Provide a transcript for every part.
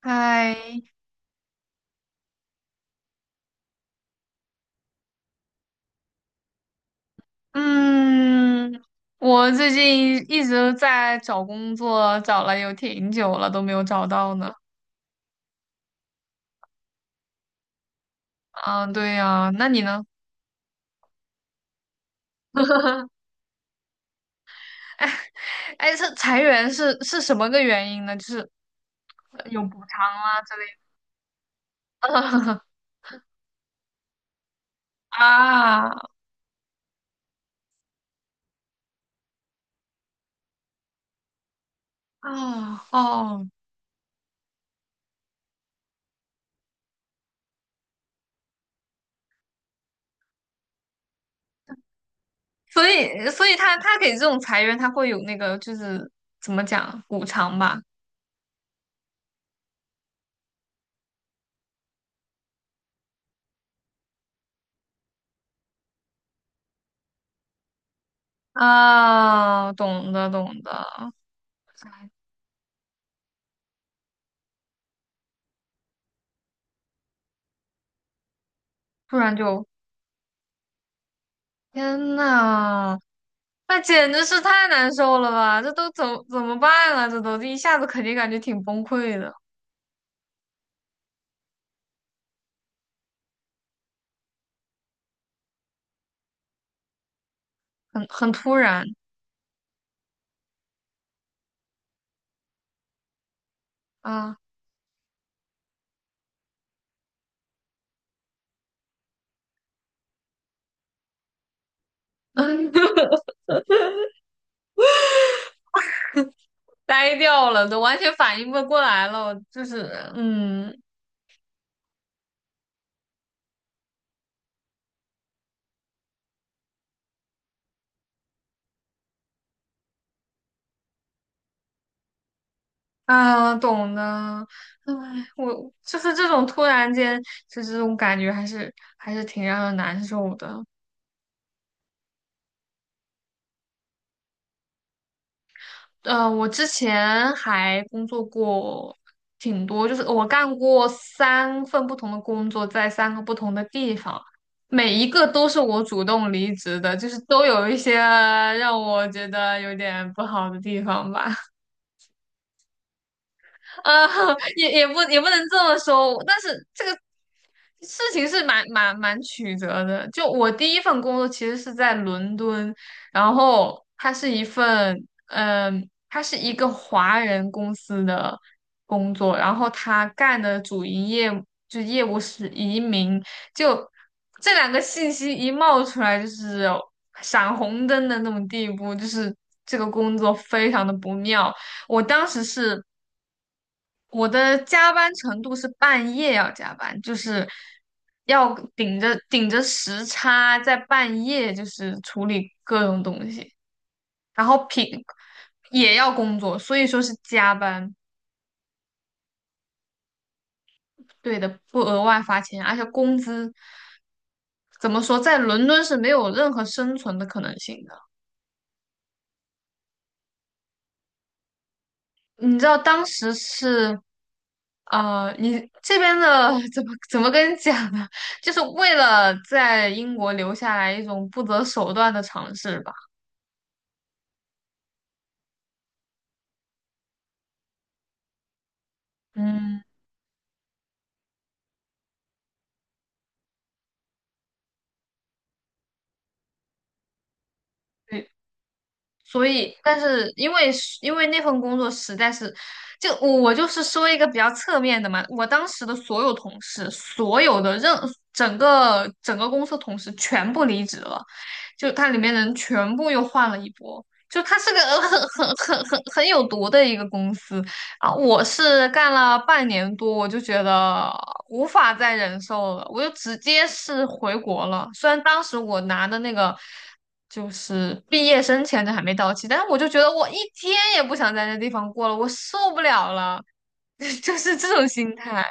嗨，嗯，我最近一直在找工作，找了有挺久了，都没有找到呢。啊，对呀，那你呢？哎，是裁员是什么个原因呢？就是有补偿啊之类的。啊啊哦，所以他给这种裁员，他会有那个就是怎么讲补偿吧？啊，懂的懂的。哎，突然就，天呐！那简直是太难受了吧！这都怎么办啊？这都这一下子肯定感觉挺崩溃的，很突然啊。呆掉了，都完全反应不过来了。就是嗯啊，懂的。唉，我就是这种突然间就这种感觉，还是还是挺让人难受的。我之前还工作过挺多，就是我干过三份不同的工作，在三个不同的地方，每一个都是我主动离职的，就是都有一些让我觉得有点不好的地方吧。呃，也不能这么说，但是这个事情是蛮曲折的。就我第一份工作其实是在伦敦，然后它是一份，它是一个华人公司的工作，然后他干的主营业就业务是移民，就这两个信息一冒出来，就是闪红灯的那种地步，就是这个工作非常的不妙。我当时是。我的加班程度是半夜要加班，就是要顶着顶着时差，在半夜就是处理各种东西，然后也要工作，所以说是加班。对的，不额外发钱，而且工资怎么说，在伦敦是没有任何生存的可能性的。你知道当时是啊，你这边的 怎么跟你讲呢？就是为了在英国留下来一种不择手段的尝试吧。嗯，对，所以，但是因为那份工作实在是，就我就是说一个比较侧面的嘛，我当时的所有同事，所有的任整个公司同事全部离职了，就它里面人全部又换了一波，就它是个很有毒的一个公司。啊，我是干了半年多，我就觉得无法再忍受了，我就直接是回国了。虽然当时我拿的那个就是毕业生签证还没到期，但是我就觉得我一天也不想在那地方过了，我受不了了，就是这种心态。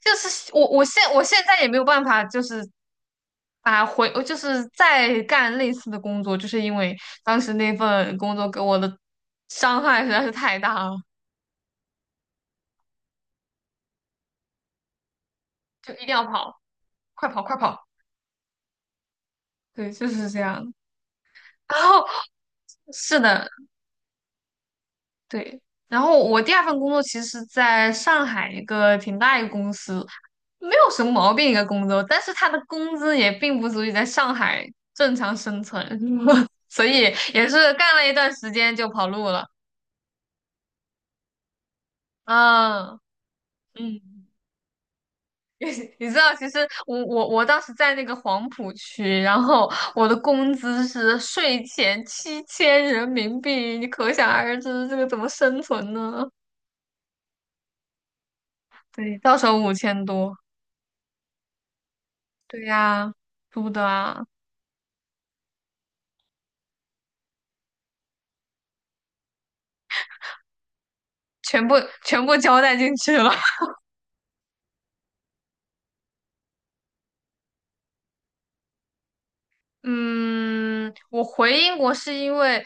就是我，我现在也没有办法，就是就是再干类似的工作，就是因为当时那份工作给我的伤害实在是太大了，就一定要跑。快跑快跑！对，就是这样。然后是的，对。然后我第二份工作其实是在上海一个挺大一个公司，没有什么毛病一个工作，但是他的工资也并不足以在上海正常生存，所以也是干了一段时间就跑路了。嗯嗯。你知道，其实我当时在那个黄浦区，然后我的工资是税前7000人民币，你可想而知这个怎么生存呢？对，到手5000多。对呀，租的啊，全部交代进去了。嗯，我回英国是因为，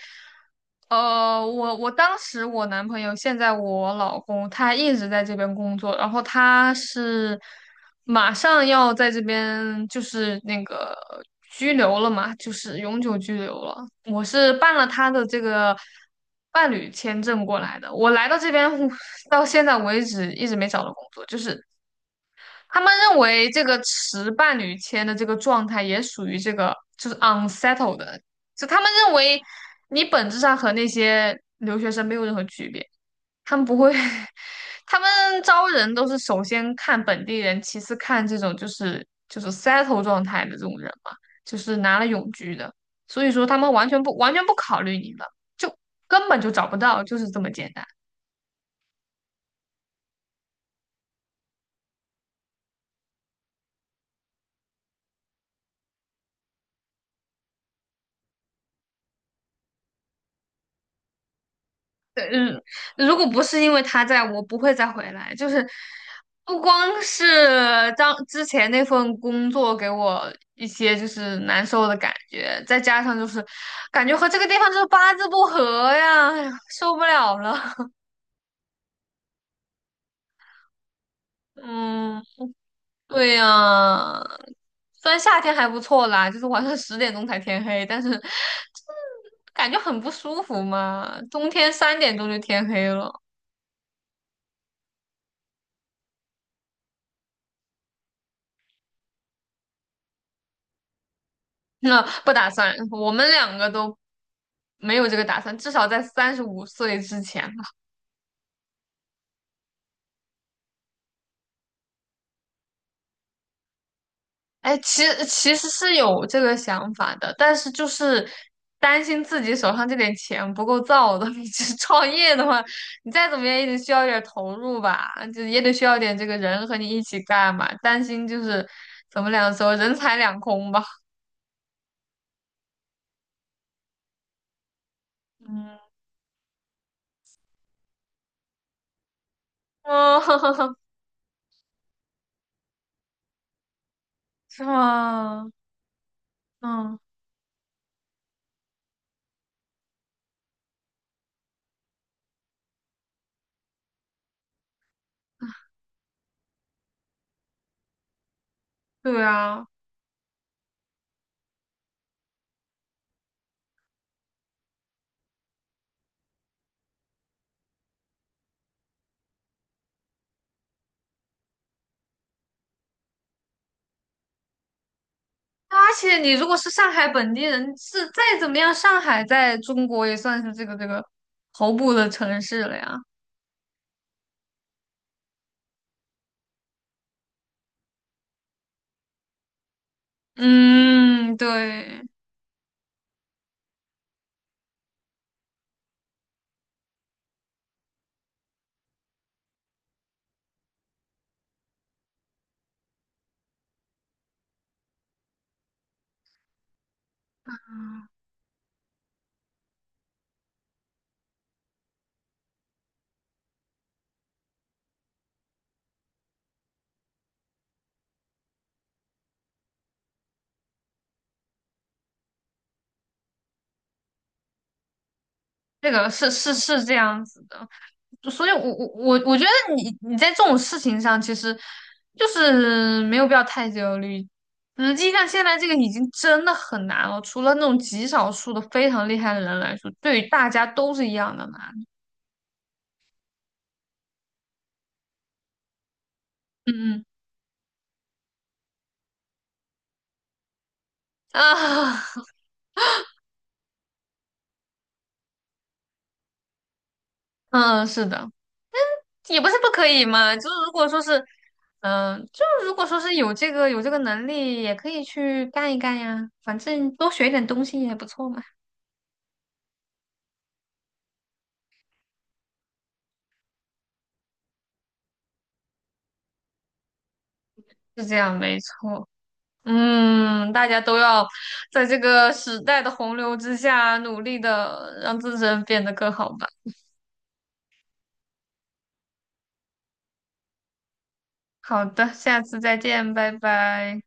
我当时我男朋友，现在我老公，他一直在这边工作，然后他是马上要在这边就是那个拘留了嘛，就是永久拘留了。我是办了他的这个伴侣签证过来的，我来到这边 到现在为止一直没找到工作，就是他们认为这个持伴侣签的这个状态也属于这个就是 unsettled 的，就他们认为你本质上和那些留学生没有任何区别，他们不会，他们招人都是首先看本地人，其次看这种就是 settle 状态的这种人嘛，就是拿了永居的，所以说他们完全不考虑你了，就根本就找不到，就是这么简单。嗯，如果不是因为他在，我不会再回来。就是不光是当之前那份工作给我一些就是难受的感觉，再加上就是感觉和这个地方就是八字不合呀，哎呀，受不了了。嗯，对呀，虽然夏天还不错啦，就是晚上10点钟才天黑，但是 就是感觉很不舒服嘛。冬天3点钟就天黑了。那不打算，我们两个都没有这个打算，至少在35岁之前吧。哎，其实是有这个想法的，但是就是担心自己手上这点钱不够造的。你这创业的话，你再怎么样也得需要一点儿投入吧，就也得需要点这个人和你一起干嘛。担心就是怎么两说，人财两空吧。嗯，哦，是吗？嗯，对啊。而且你如果是上海本地人，是再怎么样，上海在中国也算是这个头部的城市了呀。嗯，对，这个是这样子的，就所以我觉得你在这种事情上，其实就是没有必要太焦虑。实际上，现在这个已经真的很难了，除了那种极少数的非常厉害的人来说，对于大家都是一样的难。嗯嗯啊，嗯，是的。也不是不可以嘛，就是如果说是，就是如果说是有这个能力，也可以去干一干呀，反正多学一点东西也不错嘛，是这样，没错。嗯，大家都要在这个时代的洪流之下，努力的让自身变得更好吧。好的，下次再见，拜拜。